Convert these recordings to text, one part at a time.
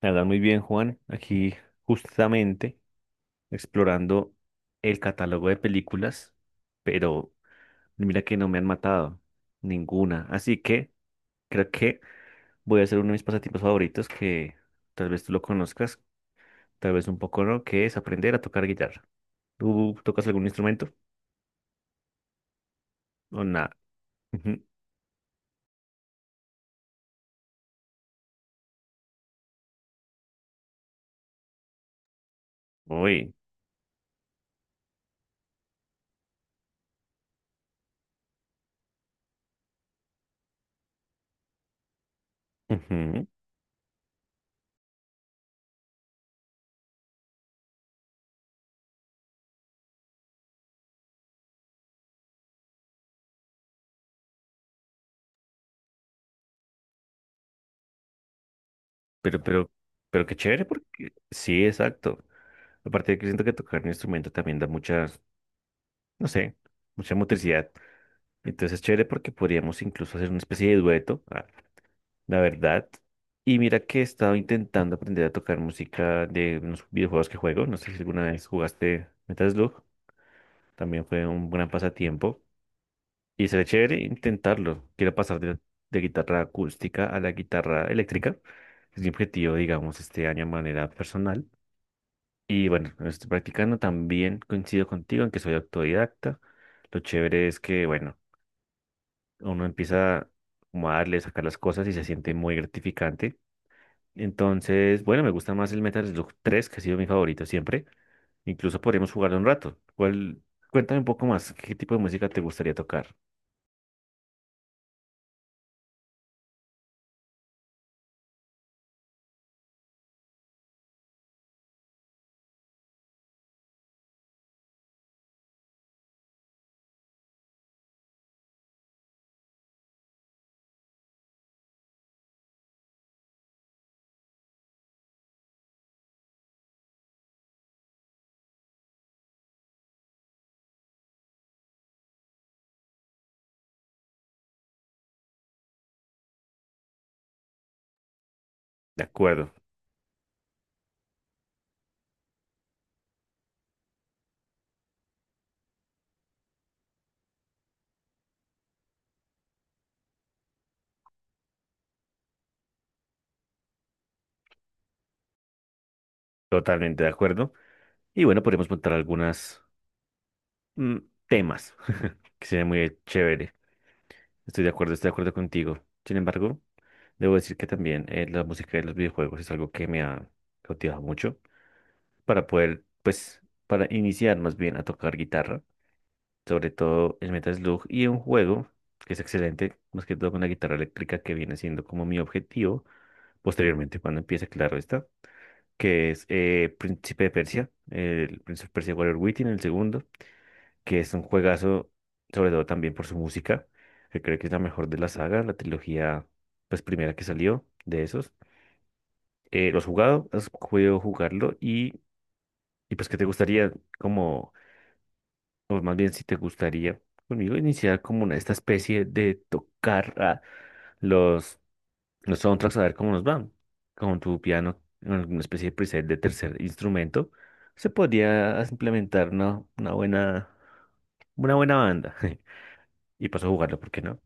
La verdad, muy bien, Juan. Aquí justamente explorando el catálogo de películas, pero mira que no me han matado ninguna. Así que creo que voy a hacer uno de mis pasatiempos favoritos que tal vez tú lo conozcas, tal vez un poco no, que es aprender a tocar guitarra. ¿Tú tocas algún instrumento? O nada. Ujú. Uy. Ujú. Pero, pero, pero qué chévere porque sí, exacto. Aparte de que siento que tocar un instrumento también da muchas, no sé, mucha motricidad. Entonces es chévere porque podríamos incluso hacer una especie de dueto, ah, la verdad. Y mira que he estado intentando aprender a tocar música de unos videojuegos que juego. No sé si alguna vez jugaste Metal Slug. También fue un gran pasatiempo. Y sería chévere intentarlo. Quiero pasar de guitarra acústica a la guitarra eléctrica. Es mi objetivo, digamos, este año de manera personal. Y bueno, lo estoy practicando. También coincido contigo en que soy autodidacta. Lo chévere es que, bueno, uno empieza como a darle, sacar las cosas y se siente muy gratificante. Entonces, bueno, me gusta más el Metal Slug tres que ha sido mi favorito siempre. Incluso podríamos jugarlo un rato. ¿Cuál- Cuéntame un poco más, qué tipo de música te gustaría tocar? De acuerdo, totalmente de acuerdo. Y bueno, podríamos montar algunos temas, que sería muy chévere. Estoy de acuerdo contigo. Sin embargo, debo decir que también la música de los videojuegos es algo que me ha cautivado mucho. Para poder, pues, para iniciar más bien a tocar guitarra, sobre todo el Metal Slug y un juego que es excelente, más que todo con la guitarra eléctrica que viene siendo como mi objetivo posteriormente cuando empiece, claro está, que es Príncipe de Persia, el Príncipe de Persia Warrior Within, el segundo, que es un juegazo, sobre todo también por su música, que creo que es la mejor de la saga, la trilogía, pues, primera que salió de esos. ¿Lo has jugado? ¿Has podido jugarlo? Y pues, ¿qué te gustaría como? O más bien, si te gustaría conmigo iniciar como una, esta especie de tocar a los, los soundtracks, a ver cómo nos van. Con tu piano, con alguna especie de preset de tercer instrumento, se podría implementar una buena, una buena banda. Y paso a jugarlo, ¿por qué no?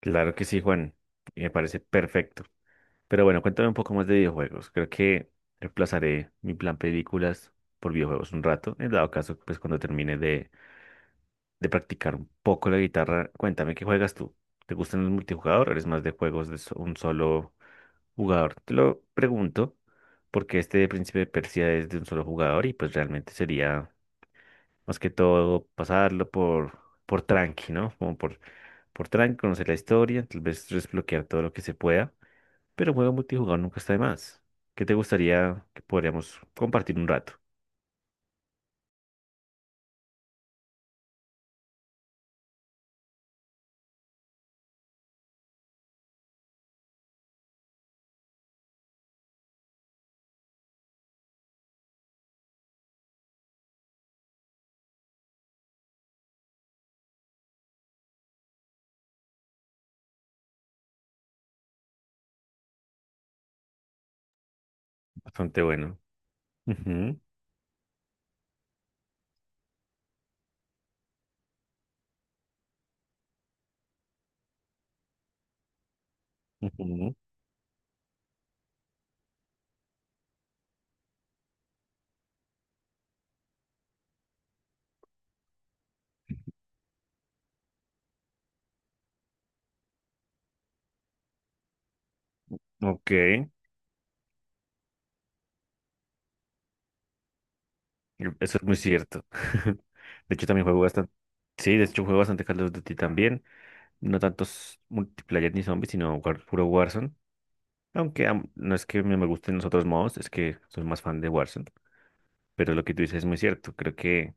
Claro que sí, Juan. Y me parece perfecto. Pero bueno, cuéntame un poco más de videojuegos. Creo que reemplazaré mi plan películas por videojuegos un rato. En dado caso, pues cuando termine de practicar un poco la guitarra, cuéntame qué juegas tú. ¿Te gustan los multijugador o eres más de juegos de so- un solo jugador? Te lo pregunto porque este de Príncipe de Persia es de un solo jugador y pues realmente sería más que todo pasarlo por tranqui, ¿no? Como por Trank, conocer la historia, tal vez desbloquear todo lo que se pueda, pero un juego multijugador nunca está de más. ¿Qué te gustaría que podríamos compartir un rato? Bastante bueno. Ujú, ujú, ok, eso es muy cierto. De hecho, también juego bastante. Sí, de hecho, juego bastante Call of Duty también. No tantos multiplayer ni zombies, sino war- puro Warzone. Aunque am- no es que me gusten los otros modos, es que soy más fan de Warzone. Pero lo que tú dices es muy cierto. Creo que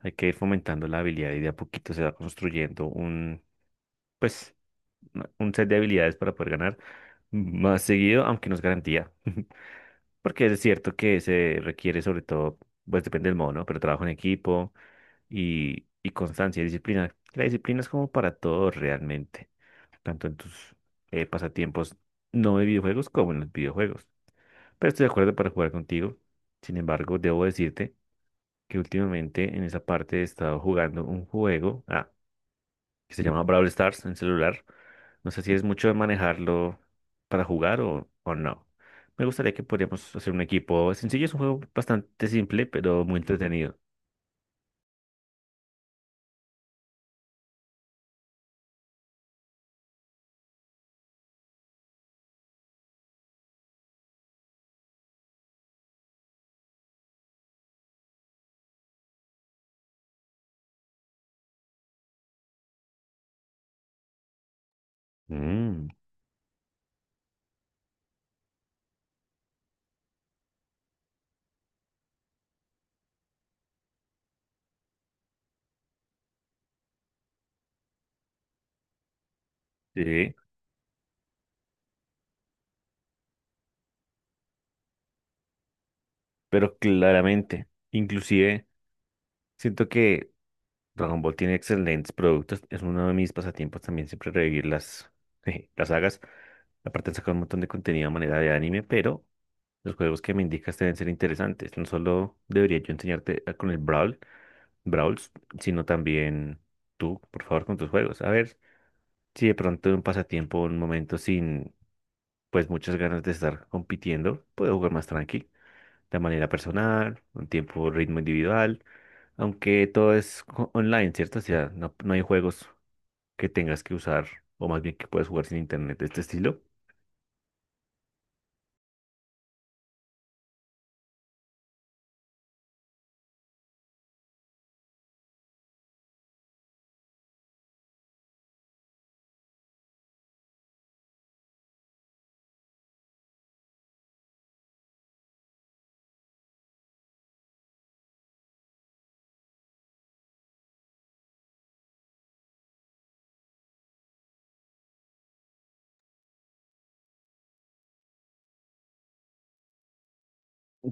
hay que ir fomentando la habilidad y de a poquito se va construyendo un, pues, una- un set de habilidades para poder ganar más seguido, aunque no es garantía. Porque es cierto que se requiere sobre todo, pues, depende del modo, ¿no? Pero trabajo en equipo y constancia y disciplina. La disciplina es como para todo realmente, tanto en tus pasatiempos no de videojuegos como en los videojuegos. Pero estoy de acuerdo para jugar contigo. Sin embargo, debo decirte que últimamente en esa parte he estado jugando un juego. Ah, que se llama Brawl Stars en celular. No sé si es mucho de manejarlo para jugar o no. Me gustaría que podríamos hacer un equipo sencillo. Es un juego bastante simple, pero muy entretenido. Mm. Sí, pero claramente, inclusive siento que Dragon Ball tiene excelentes productos. Es uno de mis pasatiempos también siempre revivir las, las sagas. Aparte han sacado un montón de contenido a manera de anime, pero los juegos que me indicas deben ser interesantes. No solo debería yo enseñarte a- con el Brawl, Brawls, sino también tú, por favor, con tus juegos. A ver si de pronto un pasatiempo, un momento sin, pues, muchas ganas de estar compitiendo, puedo jugar más tranqui, de manera personal, un tiempo, ritmo individual, aunque todo es co- online, ¿cierto? O sea, no, no hay juegos que tengas que usar, o más bien que puedes jugar sin internet de este estilo.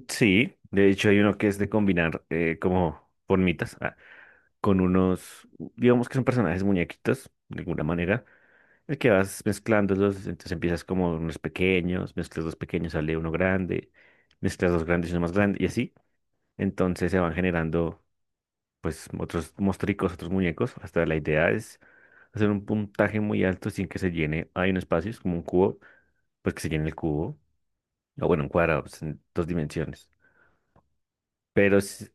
Sí, de hecho hay uno que es de combinar como formitas ah, con unos, digamos que son personajes muñequitos, de alguna manera, el que vas mezclándolos, entonces empiezas como unos pequeños, mezclas dos pequeños, sale uno grande, mezclas dos grandes y uno más grande, y así. Entonces se van generando pues otros mostricos, otros muñecos, hasta la idea es hacer un puntaje muy alto sin que se llene, hay un espacio, es como un cubo, pues que se llene el cubo, o bueno, un cuadrado, pues, en dos dimensiones. Pero s-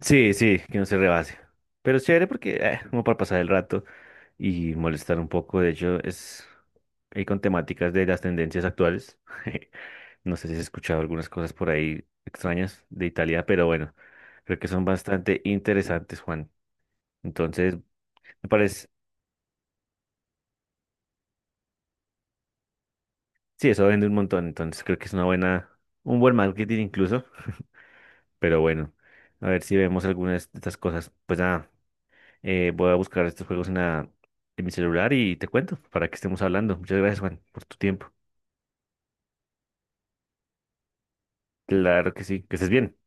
sí, sí, que no se rebase. Pero es chévere porque, como para pasar el rato y molestar un poco, de hecho, es ahí con temáticas de las tendencias actuales. No sé si has escuchado algunas cosas por ahí extrañas de Italia, pero bueno, creo que son bastante interesantes, Juan. Entonces, me parece, sí, eso vende un montón, entonces creo que es una buena, un buen marketing incluso, pero bueno, a ver si vemos algunas de estas cosas. Pues nada. Voy a buscar estos juegos en la, en mi celular y te cuento para que estemos hablando. Muchas gracias, Juan, por tu tiempo. Claro que sí, que estés bien.